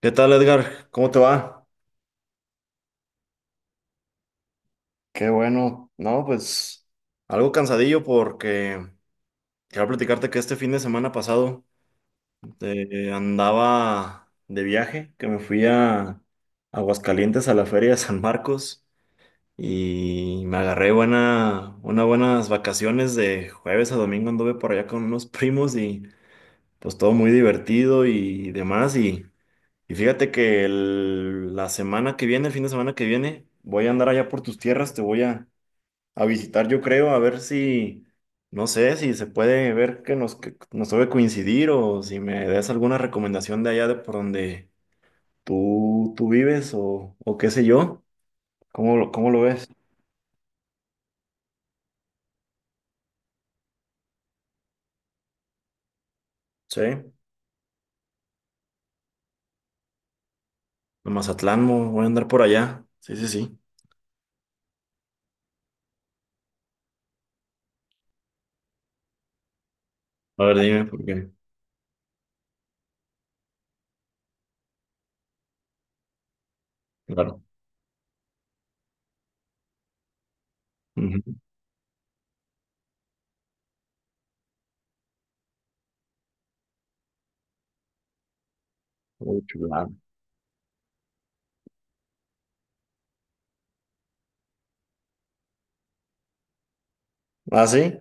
¿Qué tal, Edgar? ¿Cómo te va? Qué bueno. No, pues algo cansadillo porque quiero platicarte que este fin de semana pasado andaba de viaje, que me fui a Aguascalientes a la Feria de San Marcos y me agarré buena, unas buenas vacaciones de jueves a domingo. Anduve por allá con unos primos y pues todo muy divertido y demás. Y fíjate que la semana que viene, el fin de semana que viene, voy a andar allá por tus tierras, te voy a visitar, yo creo, a ver si, no sé, si se puede ver que nos debe coincidir o si me des alguna recomendación de allá de por donde tú vives o qué sé yo. ¿Cómo cómo lo ves? Sí, a Mazatlán, voy a andar por allá. Sí, sí, sí. A ver, dime por qué. Claro. Ujú. Uy, chulada. ¿Ah, sí?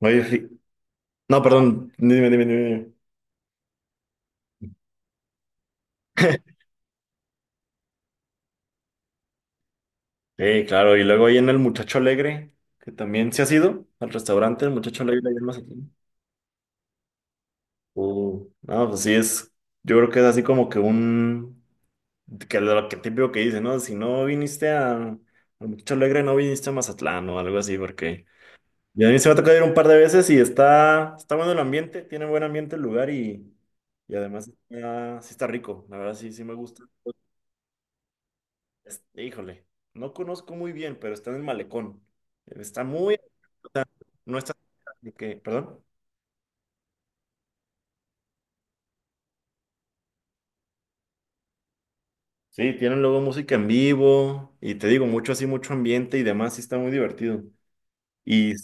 Oye, fi- no, perdón, dime. Dime. Sí, claro, y luego ahí en el Muchacho Alegre, que también se ha sido al restaurante El Muchacho Alegre allá en Mazatlán. No, pues sí es, yo creo que es así como que un, que lo que típico que dice, ¿no? Si no viniste a Muchacho Alegre, no viniste a Mazatlán o algo así, porque ya a mí se me ha tocado ir un par de veces y está bueno el ambiente, tiene buen ambiente el lugar y además está- sí está rico, la verdad sí, sí me gusta. Es- híjole, no conozco muy bien, pero está en el malecón, está muy, no está, de que, perdón. Sí, tienen luego música en vivo y te digo, mucho así, mucho ambiente y demás, sí está muy divertido. Y,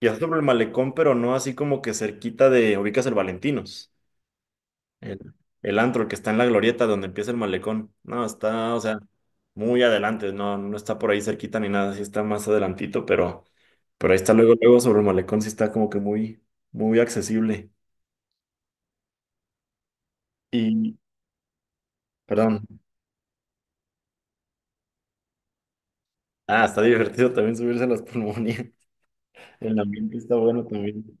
y está sobre el malecón, pero no así como que cerquita de, ubicas el Valentinos, el, el antro que está en la glorieta donde empieza el malecón. No, está, o sea, muy adelante, no, no está por ahí cerquita ni nada, sí está más adelantito, pero ahí está luego, luego sobre el malecón, sí está como que muy, muy accesible. Y, perdón, ah, está divertido también subirse a las pulmonías, el ambiente está bueno también.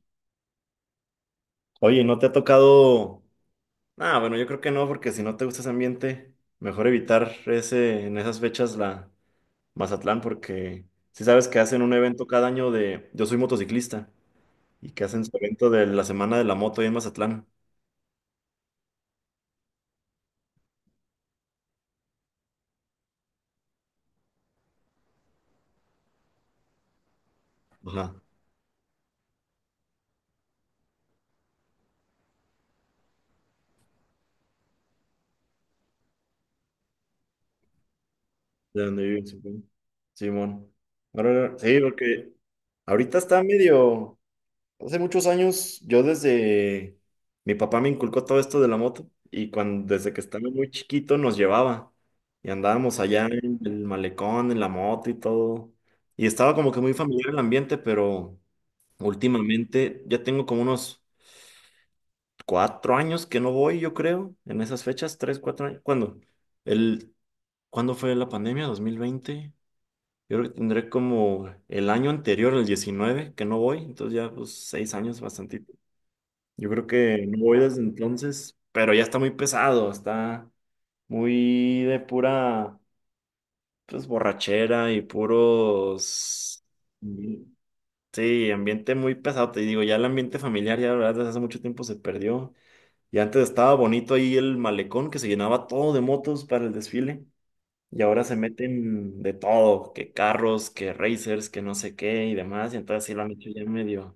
Oye, ¿no te ha tocado? Ah, bueno, yo creo que no, porque si no te gusta ese ambiente, mejor evitar ese, en esas fechas la Mazatlán, porque si sabes que hacen un evento cada año de Yo soy motociclista y que hacen su evento de la Semana de la Moto ahí en Mazatlán. Ajá. De donde viven, supongo. Simón. Ahora, sí, porque ahorita está medio. Hace muchos años, yo desde mi papá me inculcó todo esto de la moto y cuando desde que estaba muy chiquito nos llevaba y andábamos allá en el malecón, en la moto y todo. Y estaba como que muy familiar el ambiente, pero últimamente ya tengo como unos 4 años que no voy, yo creo, en esas fechas, tres, 4 años. ¿Cuándo? El, ¿cuándo fue la pandemia? 2020. Yo creo que tendré como el año anterior, el 19 que no voy, entonces ya pues 6 años, bastante. Yo creo que no voy desde entonces, pero ya está muy pesado, está muy de pura, pues, borrachera y puros... mm, sí, ambiente muy pesado, te digo, ya el ambiente familiar ya, la verdad, desde hace mucho tiempo se perdió. Y antes estaba bonito ahí el malecón que se llenaba todo de motos para el desfile. Y ahora se meten de todo, que carros, que racers, que no sé qué y demás. Y entonces sí lo han hecho ya medio.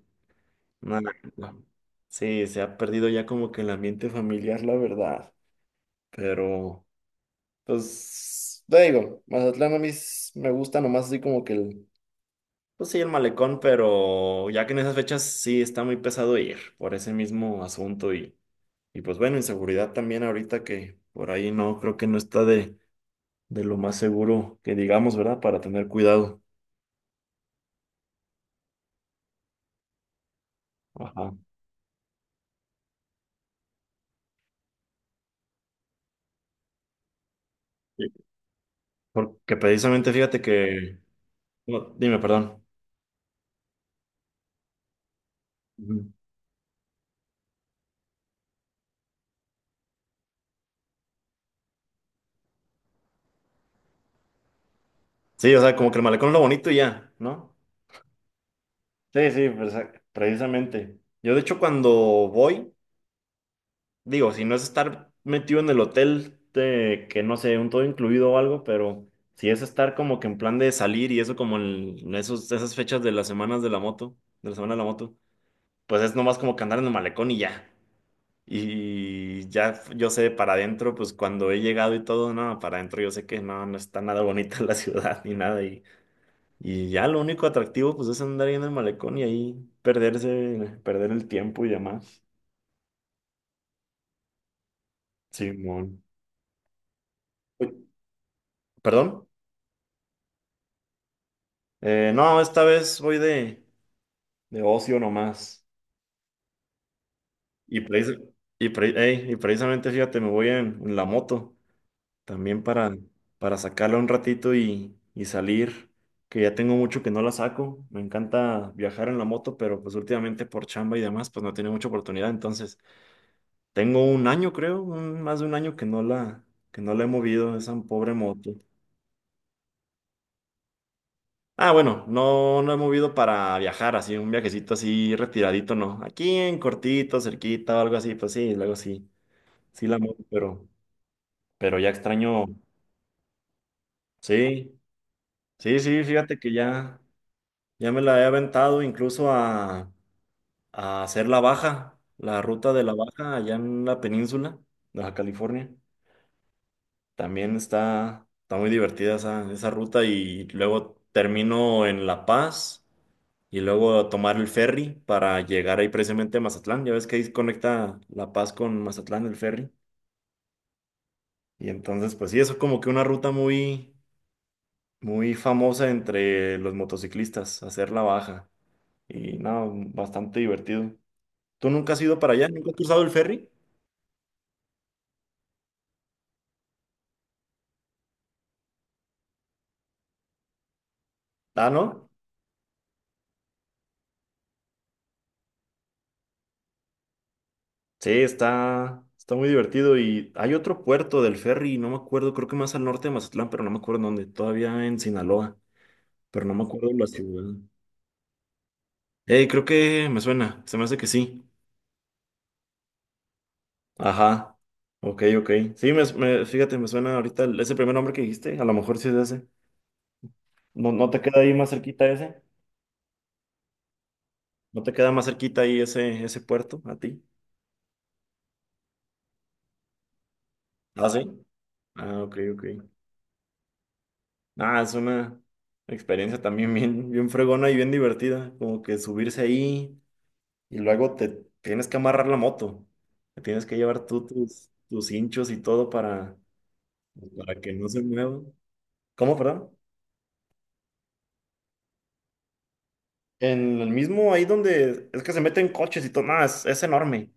No, no. Sí, se ha perdido ya como que el ambiente familiar, la verdad. Pero, pues, te digo, Mazatlán a mí me gusta nomás así como que el, pues sí, el malecón, pero ya que en esas fechas sí está muy pesado ir por ese mismo asunto y pues bueno, inseguridad también ahorita que por ahí no, creo que no está de lo más seguro que digamos, ¿verdad? Para tener cuidado. Ajá. Sí. Porque precisamente fíjate que, no, dime, perdón. Sí, o sea, como que el malecón es lo bonito y ya, ¿no? Sí, sí, precisamente. Yo de hecho cuando voy, digo, si no es estar metido en el hotel de que no sé, un todo incluido o algo, pero si es estar como que en plan de salir y eso como en esos, esas fechas de las semanas de la moto, de la semana de la moto, pues es nomás como que andar en el malecón y ya. Y ya yo sé para adentro, pues cuando he llegado y todo, no, para adentro yo sé que no, no está nada bonita la ciudad ni nada. Y ya lo único atractivo pues es andar ahí en el malecón y ahí perderse, perder el tiempo y demás. Simón. Uy, ¿perdón? No, esta vez voy de ocio nomás. Y, precis- y precisamente, fíjate, me voy en la moto también para sacarla un ratito y salir, que ya tengo mucho que no la saco. Me encanta viajar en la moto, pero pues últimamente por chamba y demás, pues no tiene mucha oportunidad. Entonces, tengo un año, creo, un- más de un año que no la he movido, esa pobre moto. Ah, bueno, no, no he movido para viajar, así, un viajecito así retiradito, no. Aquí en cortito, cerquita o algo así, pues sí, luego sí, sí la moto, pero ya extraño. Sí, sí, sí, fíjate que ya, ya me la he aventado incluso a hacer la baja, la ruta de la baja allá en la península, Baja California. También está, está muy divertida esa ruta y luego termino en La Paz y luego tomar el ferry para llegar ahí precisamente a Mazatlán. Ya ves que ahí conecta La Paz con Mazatlán el ferry. Y entonces, pues sí, eso es como que una ruta muy, muy famosa entre los motociclistas, hacer la baja. Y no, bastante divertido. ¿Tú nunca has ido para allá? ¿Nunca has cruzado el ferry? Ah, ¿no? Sí, está, está muy divertido y hay otro puerto del ferry, no me acuerdo, creo que más al norte de Mazatlán, pero no me acuerdo en dónde, todavía en Sinaloa, pero no me acuerdo la ciudad. Creo que me suena, se me hace que sí. Ajá, ok, ok. Sí, fíjate, me suena ahorita ese primer nombre que dijiste, a lo mejor sí es ese. ¿No, no te queda ahí más cerquita ese? ¿No te queda más cerquita ahí ese, ese puerto a ti? Ah, sí. Ah, ok, ok. Ah, es una experiencia también bien, bien fregona y bien divertida, como que subirse ahí. Y luego te tienes que amarrar la moto. Te tienes que llevar tú tus hinchos y todo para que no se mueva. ¿Cómo, perdón? En el mismo, ahí donde es que se meten coches y todo, nada, es enorme.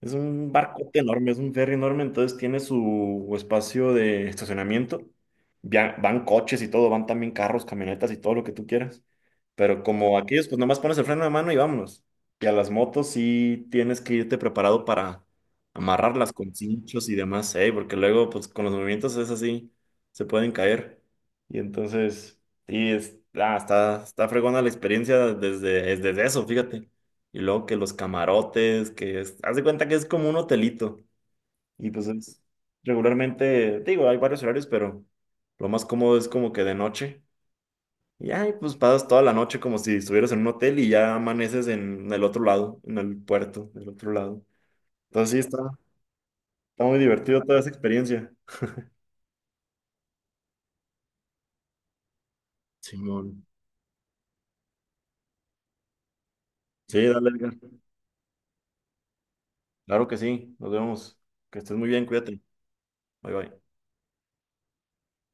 Es un barco enorme, es un ferry enorme, entonces tiene su espacio de estacionamiento. Ya van coches y todo, van también carros, camionetas y todo lo que tú quieras. Pero como aquellos, pues nomás pones el freno de mano y vámonos. Y a las motos sí tienes que irte preparado para amarrarlas con cinchos y demás, ¿eh? Porque luego, pues con los movimientos es así, se pueden caer. Y entonces es, ah, está, está fregona la experiencia desde, es desde eso, fíjate. Y luego que los camarotes, que es, haz de cuenta que es como un hotelito. Y pues es regularmente, digo, hay varios horarios, pero lo más cómodo es como que de noche. Y ahí pues pasas toda la noche como si estuvieras en un hotel y ya amaneces en el otro lado, en el puerto, del otro lado. Entonces sí, está, está muy divertido toda esa experiencia. Simón. Sí, dale, Edgar. Claro que sí, nos vemos. Que estés muy bien, cuídate. Bye bye.